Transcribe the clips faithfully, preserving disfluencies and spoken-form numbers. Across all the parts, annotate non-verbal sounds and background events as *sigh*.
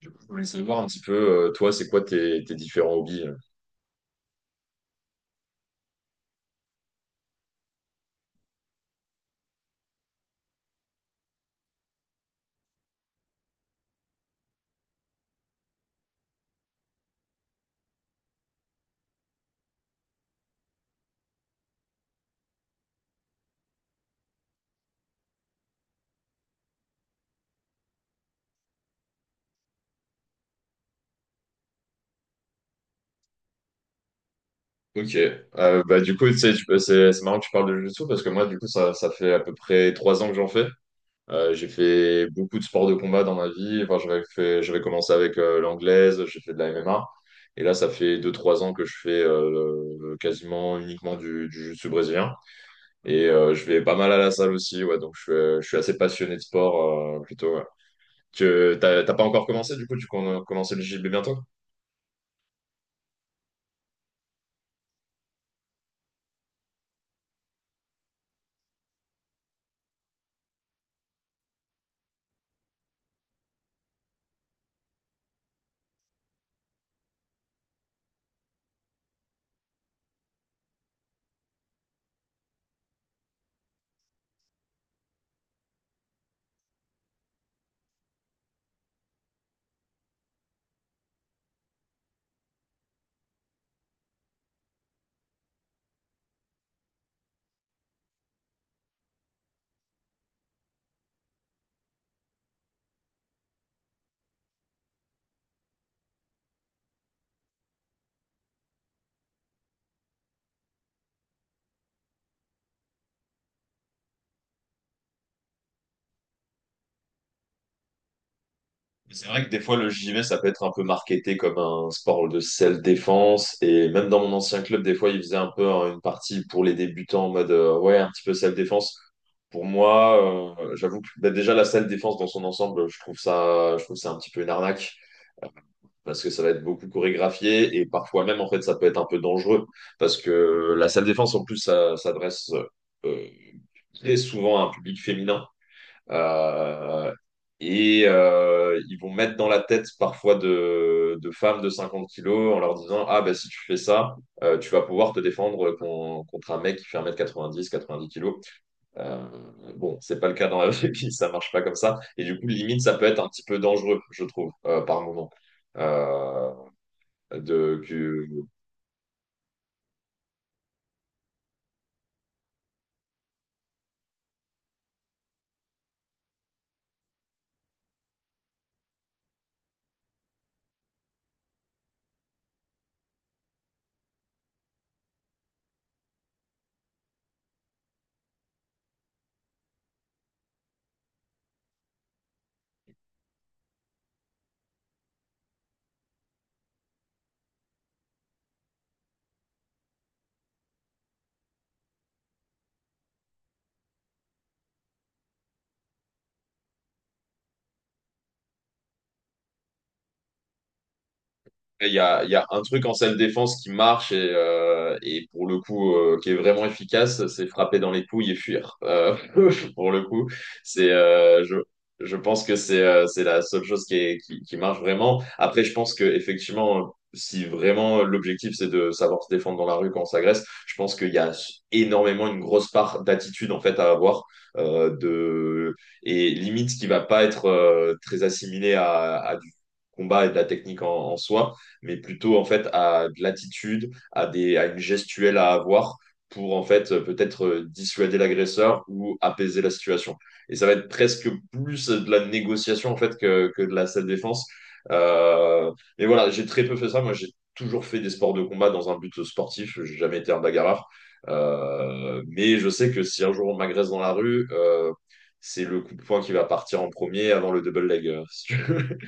Du coup, je voulais savoir un petit peu, euh, toi, c'est quoi tes, tes différents hobbies? euh. Ok. Euh, bah, du coup, tu sais, tu peux- c'est c'est marrant que tu parles de jiu-jitsu parce que moi, du coup, ça, ça fait à peu près trois ans que j'en fais. Euh, j'ai fait beaucoup de sports de combat dans ma vie. Enfin, j'avais fait, j'avais commencé avec euh, l'anglaise, j'ai fait de la M M A. Et là, ça fait deux, trois ans que je fais euh, quasiment uniquement du, du jiu-jitsu brésilien. Et euh, je vais pas mal à la salle aussi. Ouais, donc, je, suis- je suis assez passionné de sport euh, plutôt. Ouais. Tu euh, t'as t'as pas encore commencé, du coup, tu comptes commencer le J B bientôt? C'est vrai que des fois, le J V, ça peut être un peu marketé comme un sport de self-défense. Et même dans mon ancien club, des fois, ils faisaient un peu hein, une partie pour les débutants en mode euh, ouais, un petit peu self-défense. Pour moi, euh, j'avoue que bah, déjà la self-défense dans son ensemble, je trouve ça, je trouve ça un petit peu une arnaque, parce que ça va être beaucoup chorégraphié et parfois même en fait ça peut être un peu dangereux parce que la salle défense en plus ça s'adresse euh, très souvent à un public féminin. Euh, et euh, ils vont mettre dans la tête parfois de, de femmes de cinquante kilos en leur disant: ah bah si tu fais ça euh, tu vas pouvoir te défendre con- contre un mec qui fait un mètre quatre-vingt-dix quatre-vingt-dix kilos. euh, bon, c'est pas le cas dans la vraie vie, ça marche pas comme ça, et du coup limite ça peut être un petit peu dangereux je trouve euh, par moment. Euh, de, que, Il y a, il y a un truc en salle défense qui marche et, euh, et pour le coup euh, qui est vraiment efficace, c'est frapper dans les couilles et fuir. Euh, *laughs* pour le coup, c'est euh, je, je pense que c'est euh, c'est la seule chose qui, est, qui, qui marche vraiment. Après, je pense que effectivement, si vraiment l'objectif c'est de savoir se défendre dans la rue quand on s'agresse, je pense qu'il y a énormément une grosse part d'attitude en fait à avoir euh, de et limite qui va pas être euh, très assimilée à, à du combat et de la technique en en soi, mais plutôt en fait à de l'attitude, à, des, à une gestuelle à avoir pour en fait euh, peut-être euh, dissuader l'agresseur ou apaiser la situation. Et ça va être presque plus de la négociation en fait que, que de la self-défense. Euh, mais voilà, j'ai très peu fait ça. Moi, j'ai toujours fait des sports de combat dans un but sportif. J'ai jamais été un bagarreur. Euh, mais je sais que si un jour on m'agresse dans la rue, euh, c'est le coup de poing qui va partir en premier avant le double leg. euh, Si tu veux.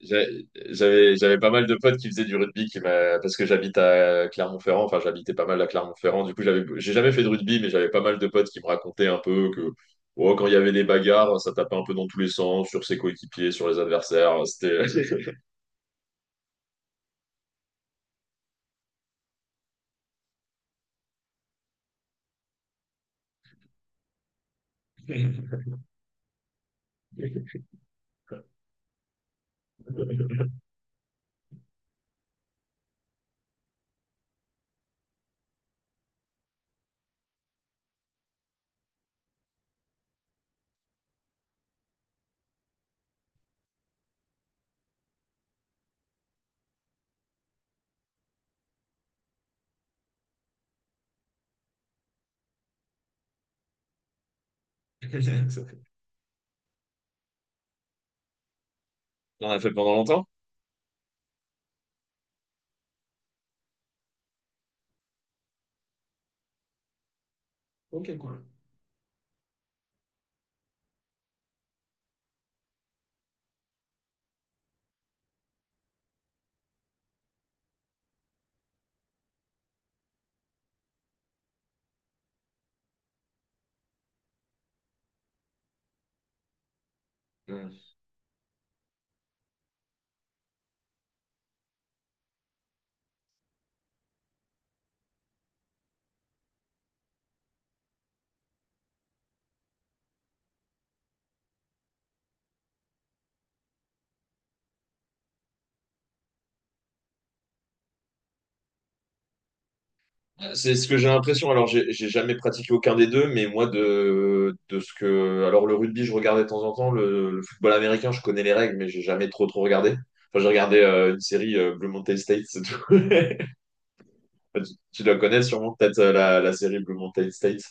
J'a- J'avais, j'avais pas mal de potes qui faisaient du rugby qui m'a, parce que j'habite à Clermont-Ferrand, enfin j'habitais pas mal à Clermont-Ferrand, du coup j'avais, j'ai jamais fait de rugby, mais j'avais pas mal de potes qui me racontaient un peu que oh, quand il y avait des bagarres, ça tapait un peu dans tous les sens, sur ses coéquipiers, sur les adversaires, c'était... *laughs* Ok. On a fait pendant longtemps? Ok, cool. Mm. C'est ce que j'ai l'impression. Alors, j'ai j'ai jamais pratiqué aucun des deux, mais moi, de, de ce que. Alors, le rugby, je regardais de temps en temps. Le, le football américain, je connais les règles, mais j'ai jamais trop, trop regardé. Enfin, j'ai regardé euh, une série euh, Blue Mountain State, c'est tout. *laughs* Enfin, Tu, tu dois connaître sûrement peut-être euh, la, la série Blue Mountain State,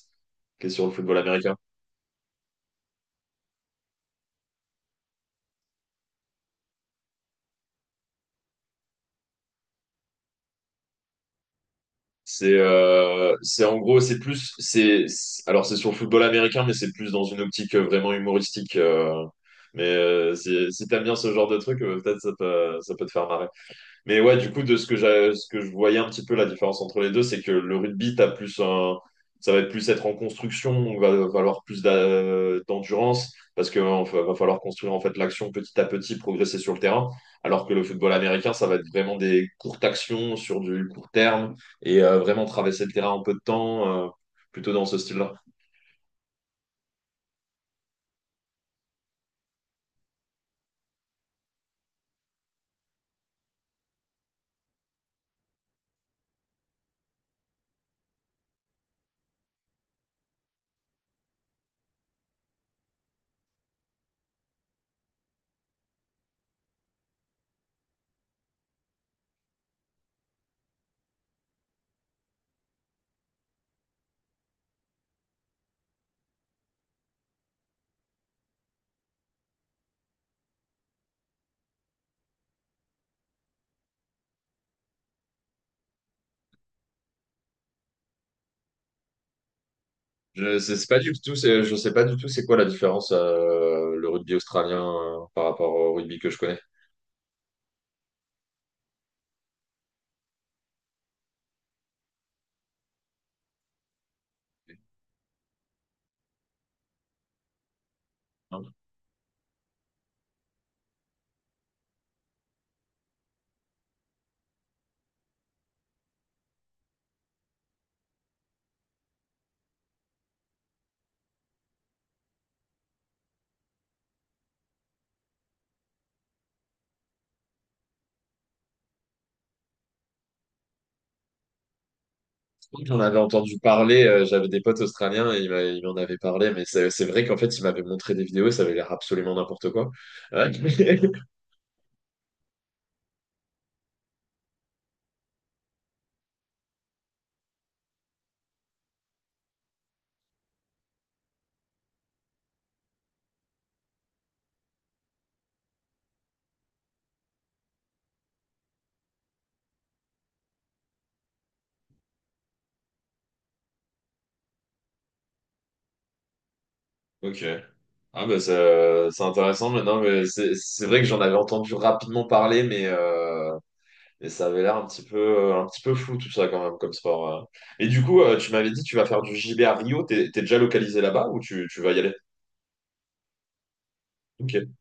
qui est sur le football américain. C'est euh, c'est en gros, c'est plus. C'est c'est- Alors, c'est sur le football américain, mais c'est plus dans une optique euh, vraiment humoristique. euh. Mais euh, si, si t'aimes bien ce genre de truc, euh, peut-être ça peut, ça peut te faire marrer. Mais ouais, du coup, de ce que j'a- ce que je voyais un petit peu la différence entre les deux, c'est que le rugby, t'as plus un, ça va être plus être en construction, on va falloir plus d'a- d'endurance, parce que euh, va va falloir construire en fait l'action petit à petit, progresser sur le terrain. Alors que le football américain, ça va être vraiment des courtes actions sur du court terme et euh, vraiment traverser le terrain en peu de temps, euh, plutôt dans ce style-là. Je sais c'est pas du tout, c'est- je sais pas du tout c'est quoi la différence euh, le rugby australien euh, par rapport au rugby que je connais. J'en avais entendu parler, euh, j'avais des potes australiens et ils m'a- ils m'en avaient parlé, mais c'est c'est vrai qu'en fait, ils m'avaient montré des vidéos et ça avait l'air absolument n'importe quoi. Ouais. *laughs* Ok. Ah bah ça- c'est intéressant maintenant, mais c'est c'est vrai que j'en avais entendu rapidement parler, mais, euh, mais ça avait l'air un petit peu, euh, un petit peu flou tout ça quand même comme sport. euh. Et du coup, euh, tu m'avais dit tu vas faire du J B à Rio, t'es t'es déjà localisé là-bas ou tu, tu vas y aller? Ok.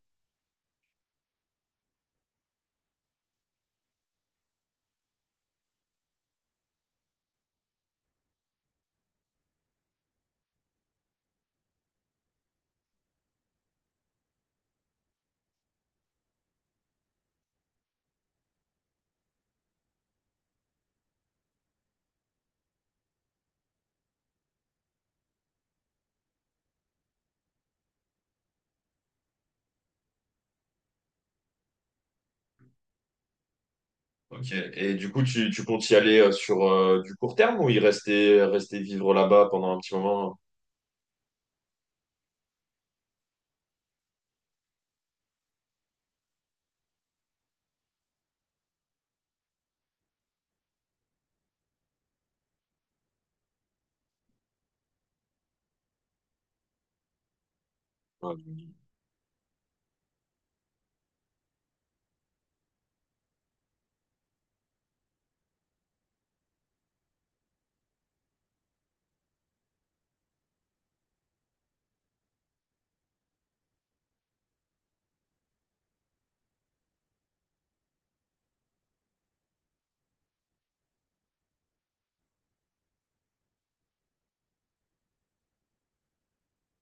Ok. Et du coup, tu, tu comptes y aller euh, sur euh, du court terme ou y rester, rester vivre là-bas pendant un petit moment? Ouais.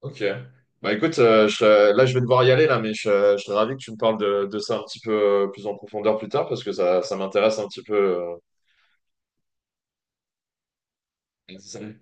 Ok. Bah écoute, euh, je serais- là je vais devoir y aller là, mais je, serais je serais ravi que tu me parles de, de ça un petit peu euh, plus en profondeur plus tard parce que ça, ça m'intéresse un petit peu. euh,